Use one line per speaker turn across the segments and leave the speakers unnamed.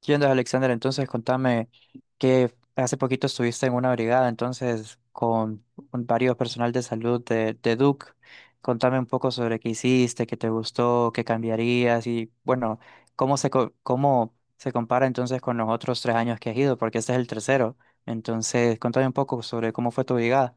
¿Qué onda, Alexander? Entonces, contame que hace poquito estuviste en una brigada, entonces, con varios personal de salud de Duke. Contame un poco sobre qué hiciste, qué te gustó, qué cambiarías y, bueno, cómo se compara entonces con los otros tres años que has ido, porque este es el tercero. Entonces, contame un poco sobre cómo fue tu brigada.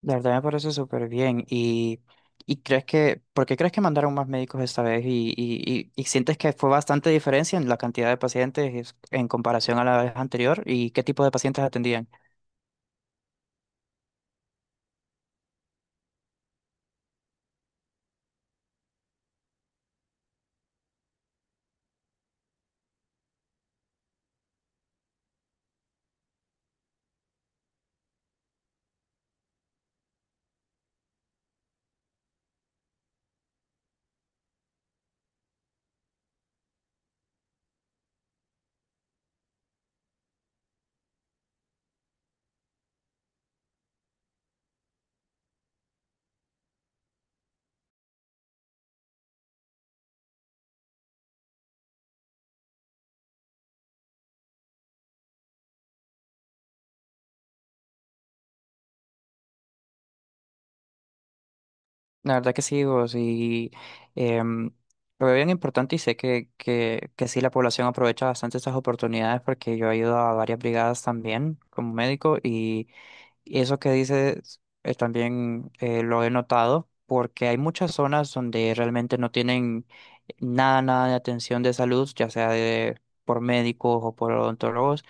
De verdad me parece súper bien. Y crees que, ¿por qué crees que mandaron más médicos esta vez? Y sientes que fue bastante diferencia en la cantidad de en comparación a la vez anterior y qué tipo de pacientes atendían. La verdad que sí, vos, y em, lo veo bien importante y sé que sí la población aprovecha bastante estas oportunidades porque yo he ido a varias brigadas también como médico. Y eso que dices también lo he notado porque hay muchas zonas donde realmente no tienen nada, nada de atención de salud, ya sea por médicos o por odontólogos,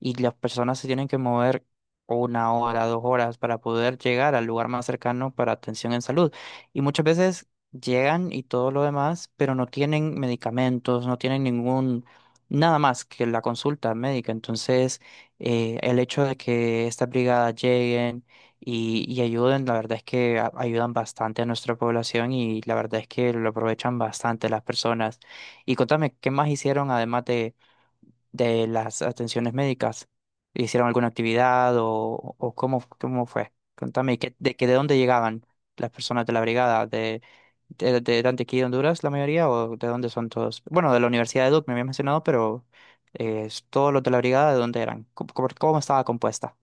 y las personas se tienen que mover una hora, dos horas para poder llegar al lugar más cercano para atención en salud. Y muchas veces llegan y todo lo demás, pero no tienen medicamentos, no tienen ningún, nada más que la consulta médica. Entonces el hecho de que estas brigadas lleguen y ayuden, la verdad es que ayudan bastante a nuestra población y la verdad es que lo aprovechan bastante las personas. Y contame, ¿qué más hicieron además de las atenciones médicas? ¿Hicieron alguna actividad o cómo, cómo fue? Contame, que de dónde llegaban las personas de la brigada? ¿De Antioquía, Honduras, la mayoría? ¿O de dónde son todos? Bueno, de la Universidad de Duke me había mencionado, pero todos los de la brigada, ¿de dónde eran? ¿Cómo estaba compuesta?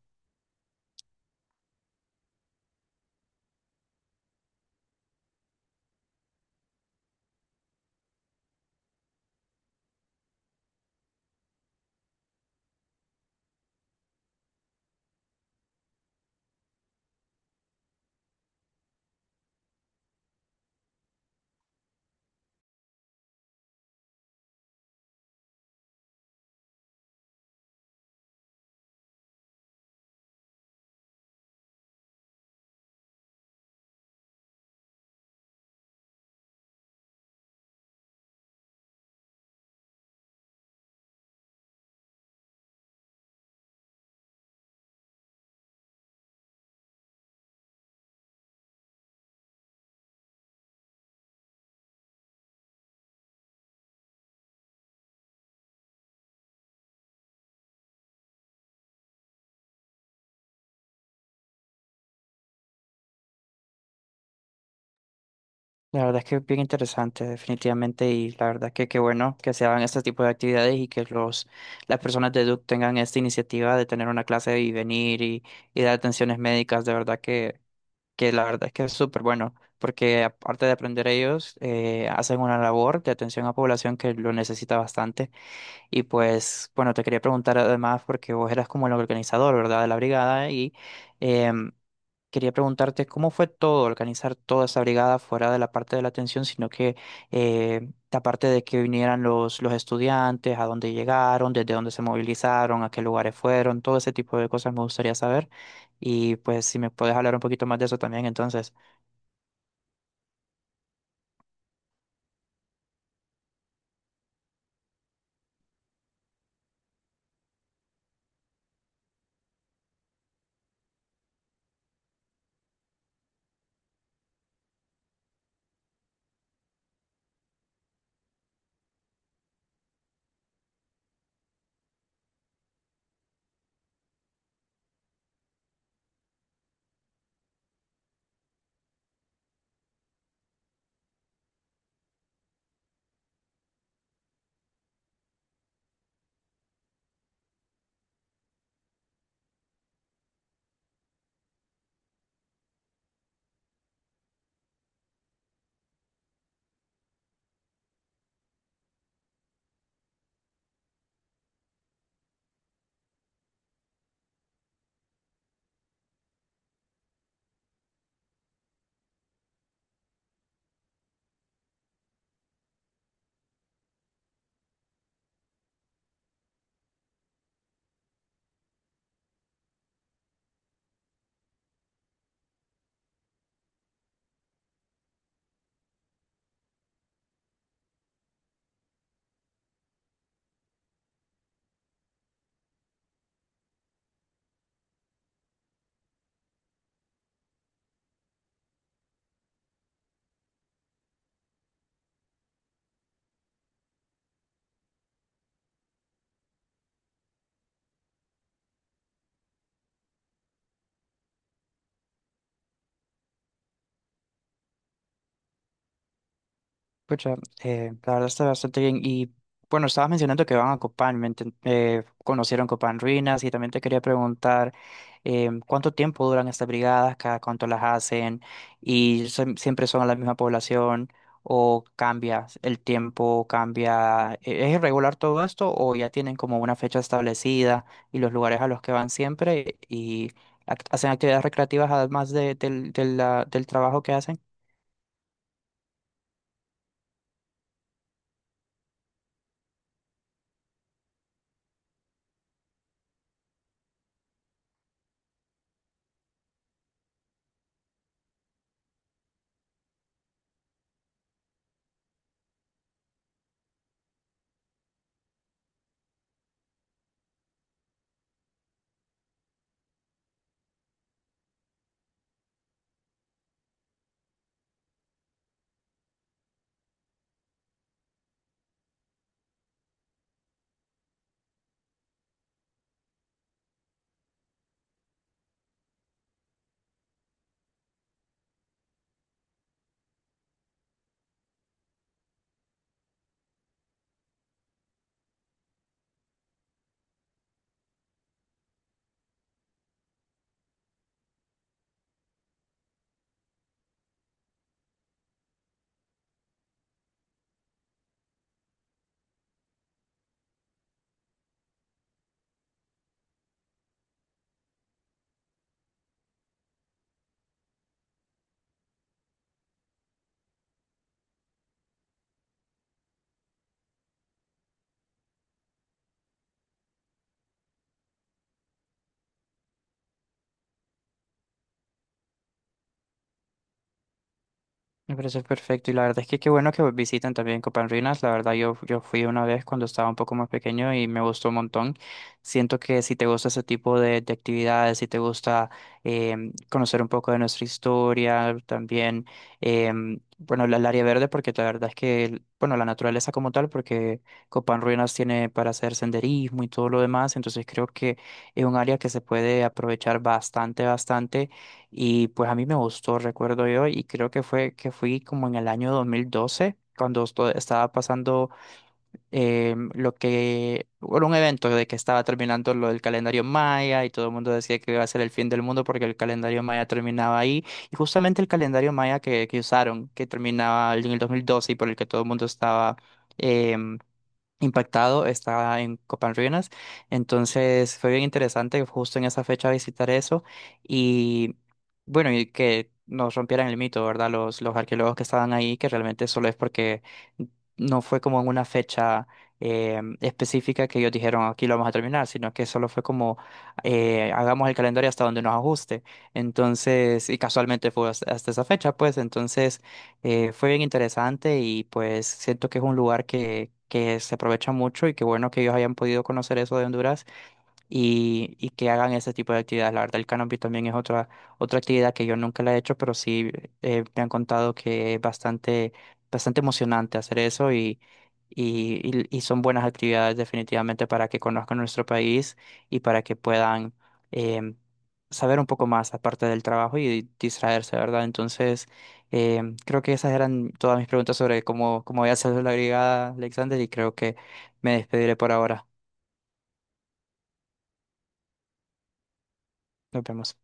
La verdad es que es bien interesante, definitivamente, y la verdad que qué bueno que se hagan este tipo de actividades y que las personas de Duke tengan esta iniciativa de tener una clase y venir y dar atenciones médicas, de verdad que la verdad es que es súper bueno, porque aparte de aprender ellos, hacen una labor de atención a población que lo necesita bastante. Y pues, bueno, te quería preguntar además, porque vos eras como el organizador, ¿verdad?, de la brigada y... em, quería preguntarte cómo fue todo, organizar toda esa brigada fuera de la parte de la atención, sino que la parte de que vinieran los estudiantes, a dónde llegaron, desde dónde se movilizaron, a qué lugares fueron, todo ese tipo de cosas me gustaría saber. Y pues si me puedes hablar un poquito más de eso también, entonces. Pucha, la verdad está bastante bien. Y bueno, estabas mencionando que van a Copán, conocieron Copán Ruinas y también te quería preguntar cuánto tiempo duran estas brigadas, cada cuánto las hacen y siempre son a la misma población o cambia el tiempo, cambia. ¿Es irregular todo esto o ya tienen como una fecha establecida y los lugares a los que van siempre y hacen actividades recreativas de del trabajo que hacen? Me parece perfecto y la verdad es que qué bueno que visiten también Copan Ruinas. La verdad yo fui una vez cuando estaba un poco más pequeño y me gustó un montón. Siento que si te gusta ese tipo de actividades, si te gusta conocer un poco de nuestra historia, también, bueno, el área verde, porque la verdad es que, bueno, la naturaleza como tal, porque Copan Ruinas tiene para hacer senderismo y todo lo demás, entonces creo que es un área que se puede aprovechar bastante, bastante y pues a mí me gustó, recuerdo yo, y creo que fue que fui como en el año 2012, cuando estaba pasando lo que, bueno, un evento de que estaba terminando lo del calendario maya y todo el mundo decía que iba a ser el fin del mundo porque el calendario maya terminaba ahí. Y justamente el calendario maya que usaron, que terminaba en el 2012 y por el que todo el mundo estaba... em, impactado, está en Copan Ruinas. Entonces fue bien interesante justo en esa fecha visitar eso y bueno, y que nos rompieran el mito, ¿verdad? Los arqueólogos que estaban ahí, que realmente solo es porque no fue como en una fecha específica que ellos dijeron aquí lo vamos a terminar, sino que solo fue como hagamos el calendario hasta donde nos ajuste. Entonces, y casualmente fue hasta esa fecha, pues entonces... fue bien interesante y pues siento que es un lugar que se aprovecha mucho y qué bueno que ellos hayan podido conocer eso de Honduras y que hagan ese tipo de actividades. La verdad, el canopy también es otra, otra actividad que yo nunca la he hecho, pero sí me han contado que es bastante, bastante emocionante hacer eso y son buenas actividades definitivamente para que conozcan nuestro país y para que puedan em, saber un poco más aparte del trabajo y distraerse, ¿verdad? Entonces, creo que esas eran todas mis preguntas sobre cómo voy a hacer la brigada, Alexander, y creo que me despediré por ahora. Nos vemos.